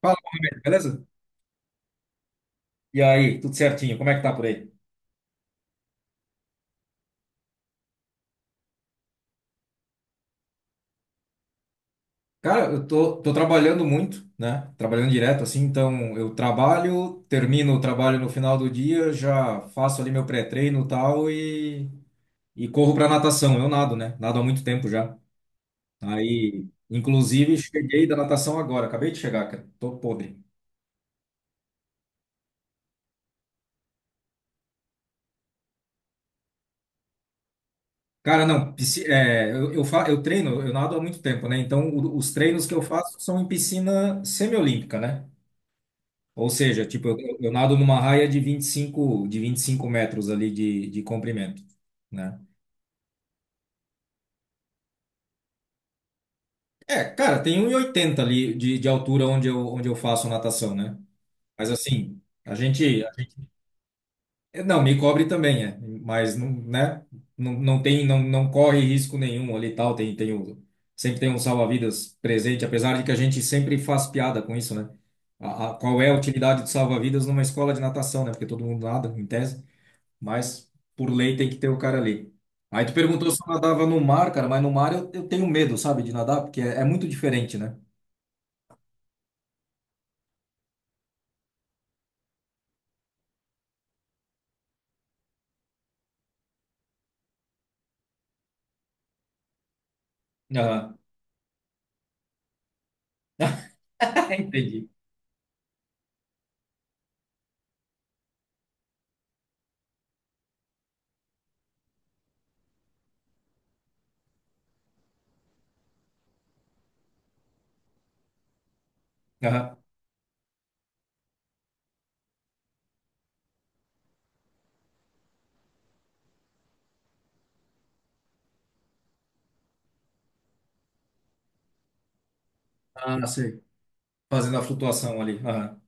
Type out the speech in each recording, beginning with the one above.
Fala, Mohamed, beleza? E aí, tudo certinho? Como é que tá por aí? Cara, eu tô trabalhando muito, né? Trabalhando direto, assim, então eu trabalho, termino o trabalho no final do dia, já faço ali meu pré-treino e tal e corro pra natação. Eu nado, né? Nado há muito tempo já. Aí, inclusive, cheguei da natação agora, acabei de chegar, cara. Tô podre. Cara, não, é, eu, fa, eu treino, eu nado há muito tempo, né? Então, os treinos que eu faço são em piscina semiolímpica, né? Ou seja, tipo, eu nado numa raia de 25 metros ali de comprimento, né? É, cara, tem um e oitenta ali de altura onde eu faço natação, né? Mas assim, a gente- é, não, me cobre também, é, mas não, né? Não, não tem, não, não corre risco nenhum ali e tal, tem, tem o, sempre tem um salva-vidas presente, apesar de que a gente sempre faz piada com isso, né? Qual é a utilidade do salva-vidas numa escola de natação, né? Porque todo mundo nada, em tese. Mas por lei tem que ter o cara ali. Aí tu perguntou se eu nadava no mar, cara, mas no mar eu tenho medo, sabe, de nadar, porque é, é muito diferente, né? Aham. Entendi. Aham. Ah, sei. Fazendo a flutuação ali. Aham.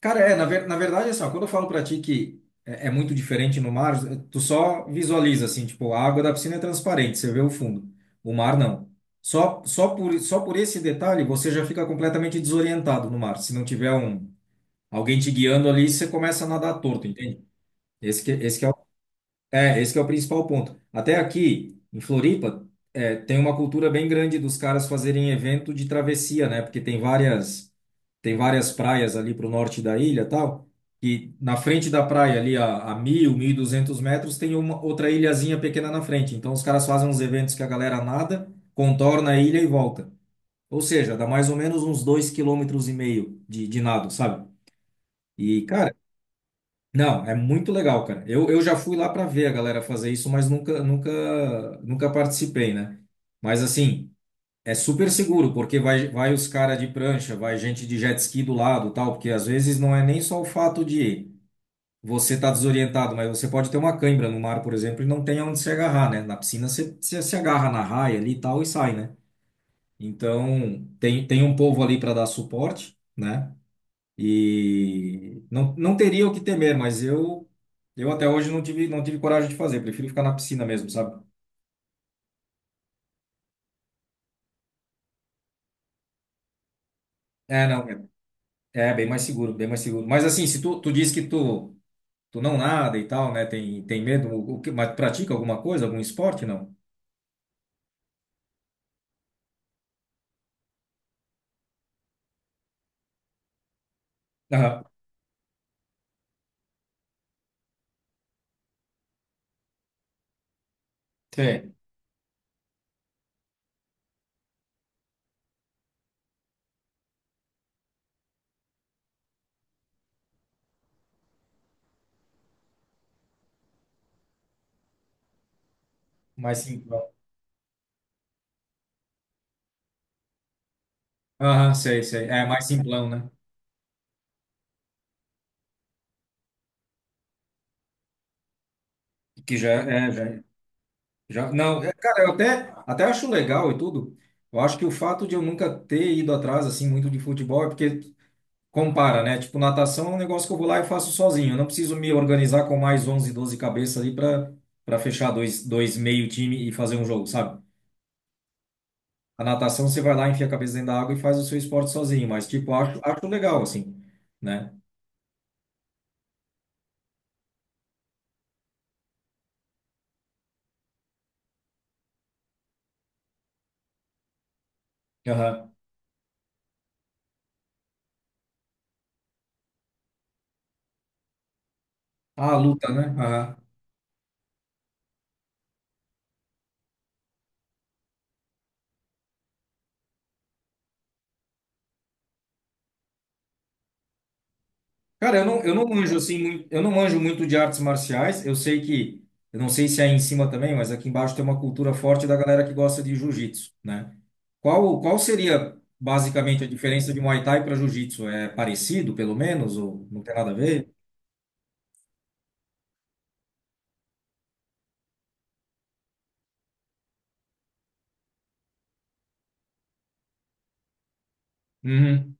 Cara, é, na verdade, assim, ó, quando eu falo pra ti que é, é muito diferente no mar, tu só visualiza, assim, tipo, a água da piscina é transparente, você vê o fundo. O mar, não. Só por esse detalhe, você já fica completamente desorientado no mar. Se não tiver um, alguém te guiando ali, você começa a nadar torto, entende? Esse que, esse que é, o- esse que é o principal ponto. Até aqui, em Floripa, é, tem uma cultura bem grande dos caras fazerem evento de travessia, né? Porque tem várias praias ali para o norte da ilha, e tal. E na frente da praia, ali a mil, mil e duzentos metros, tem uma outra ilhazinha pequena na frente. Então os caras fazem uns eventos que a galera nada, contorna a ilha e volta. Ou seja, dá mais ou menos uns dois vírgula cinco quilômetros e meio de nado, sabe? E, cara, não, é muito legal, cara. Eu já fui lá para ver a galera fazer isso, mas nunca participei, né? Mas assim, é super seguro, porque vai os caras de prancha, vai gente de jet ski do lado, tal, porque às vezes não é nem só o fato de você estar desorientado, mas você pode ter uma cãibra no mar, por exemplo, e não tem aonde se agarrar, né? Na piscina você se agarra na raia ali e tal e sai, né? Então, tem um povo ali para dar suporte, né? E não, não teria o que temer, mas eu até hoje não tive não tive coragem de fazer, prefiro ficar na piscina mesmo, sabe? É, não, é, é bem mais seguro, bem mais seguro. Mas assim, se tu, tu diz que tu não nada e tal, né? Tem medo, o que, mas pratica alguma coisa, algum esporte, não? Aham, sei, mais simplão. Aham, sei, sei. É mais simplão, né? Que já é, já, já não, é, cara, eu até até acho legal e tudo. Eu acho que o fato de eu nunca ter ido atrás assim muito de futebol é porque compara, né? Tipo, natação é um negócio que eu vou lá e faço sozinho. Eu não preciso me organizar com mais 11, 12 cabeças ali para fechar dois meio time e fazer um jogo, sabe? A natação você vai lá, enfia a cabeça dentro da água e faz o seu esporte sozinho, mas tipo, acho legal assim, né? Aham. Ah, luta, né? Aham. Cara, eu não manjo assim, muito, eu não manjo muito de artes marciais. Eu sei que, eu não sei se é aí em cima também, mas aqui embaixo tem uma cultura forte da galera que gosta de jiu-jitsu, né? Qual seria basicamente a diferença de Muay Thai para jiu-jitsu? É parecido, pelo menos, ou não tem nada a ver? Uhum.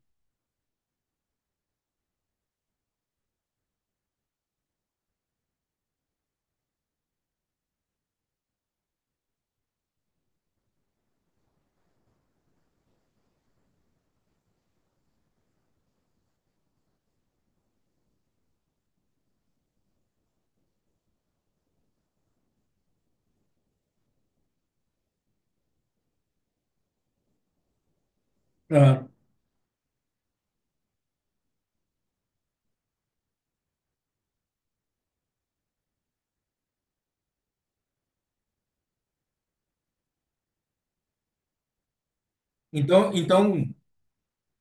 Aham. Então,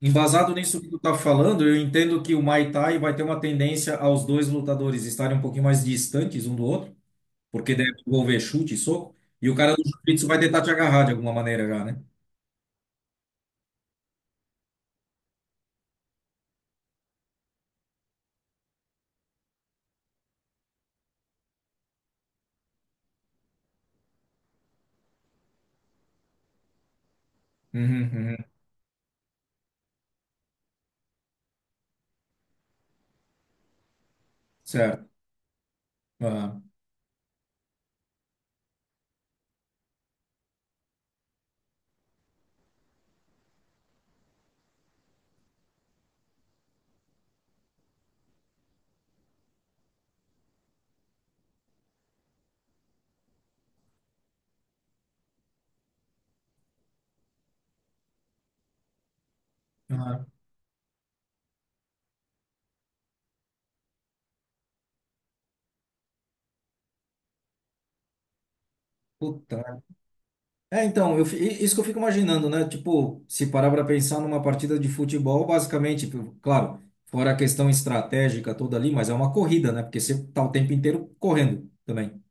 embasado nisso que tu tá falando, eu entendo que o Muay Thai vai ter uma tendência aos dois lutadores estarem um pouquinho mais distantes um do outro, porque deve envolver chute e soco, e o cara do jiu-jitsu vai tentar te agarrar de alguma maneira já, né? Uhum, uhum. Certo. Aham. Aham. Puta merda. É, então, isso que eu fico imaginando, né? Tipo, se parar para pensar numa partida de futebol, basicamente, claro, fora a questão estratégica toda ali, mas é uma corrida, né? Porque você tá o tempo inteiro correndo também.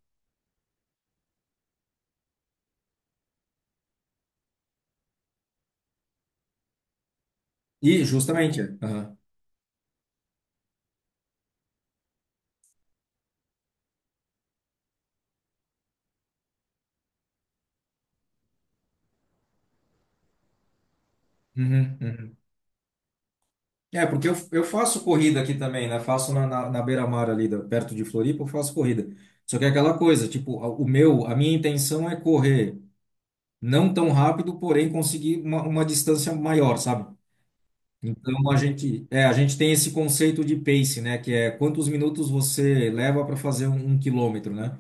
E justamente, é. Aham. Uhum, uhum. É, porque eu faço corrida aqui também, né? Faço na beira-mar ali, perto de Floripa, eu faço corrida. Só que é aquela coisa, tipo, a minha intenção é correr não tão rápido, porém conseguir uma distância maior, sabe? Então a gente tem esse conceito de pace, né? Que é quantos minutos você leva para fazer um quilômetro, né?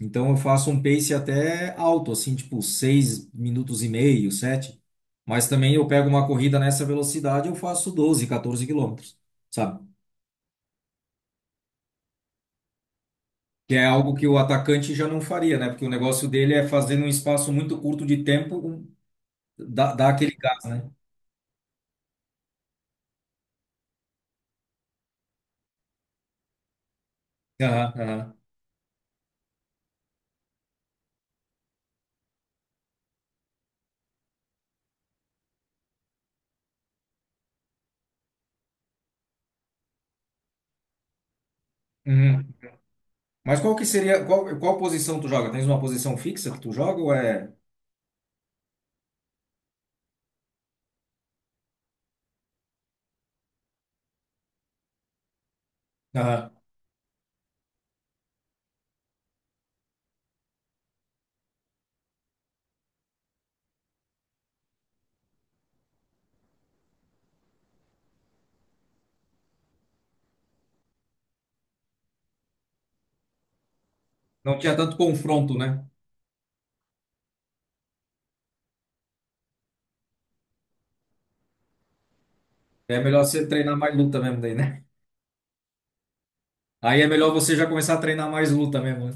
Então eu faço um pace até alto, assim, tipo, seis minutos e meio, sete. Mas também eu pego uma corrida nessa velocidade, eu faço 12, 14 quilômetros, sabe? Que é algo que o atacante já não faria, né? Porque o negócio dele é fazer num espaço muito curto de tempo dar, dar aquele gás, né? Aham, aham. Uhum. Mas qual que seria, qual, qual posição tu joga? Tens uma posição fixa que tu joga ou é... Aham. Não tinha tanto confronto, né? É melhor você treinar mais luta mesmo daí, né? Aí é melhor você já começar a treinar mais luta mesmo, né?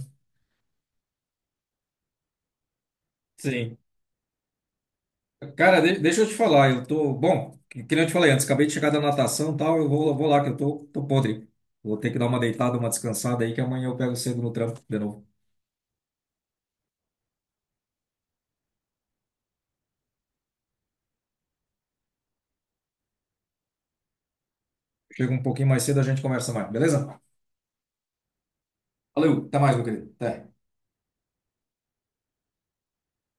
Sim. Cara, deixa eu te falar, eu tô. Bom, que nem eu te falei antes, acabei de chegar da natação e tal, vou lá que tô podre. Vou ter que dar uma deitada, uma descansada aí, que amanhã eu pego cedo no trampo de novo. Chega um pouquinho mais cedo, a gente conversa mais, beleza? Valeu, até mais, meu querido. Até.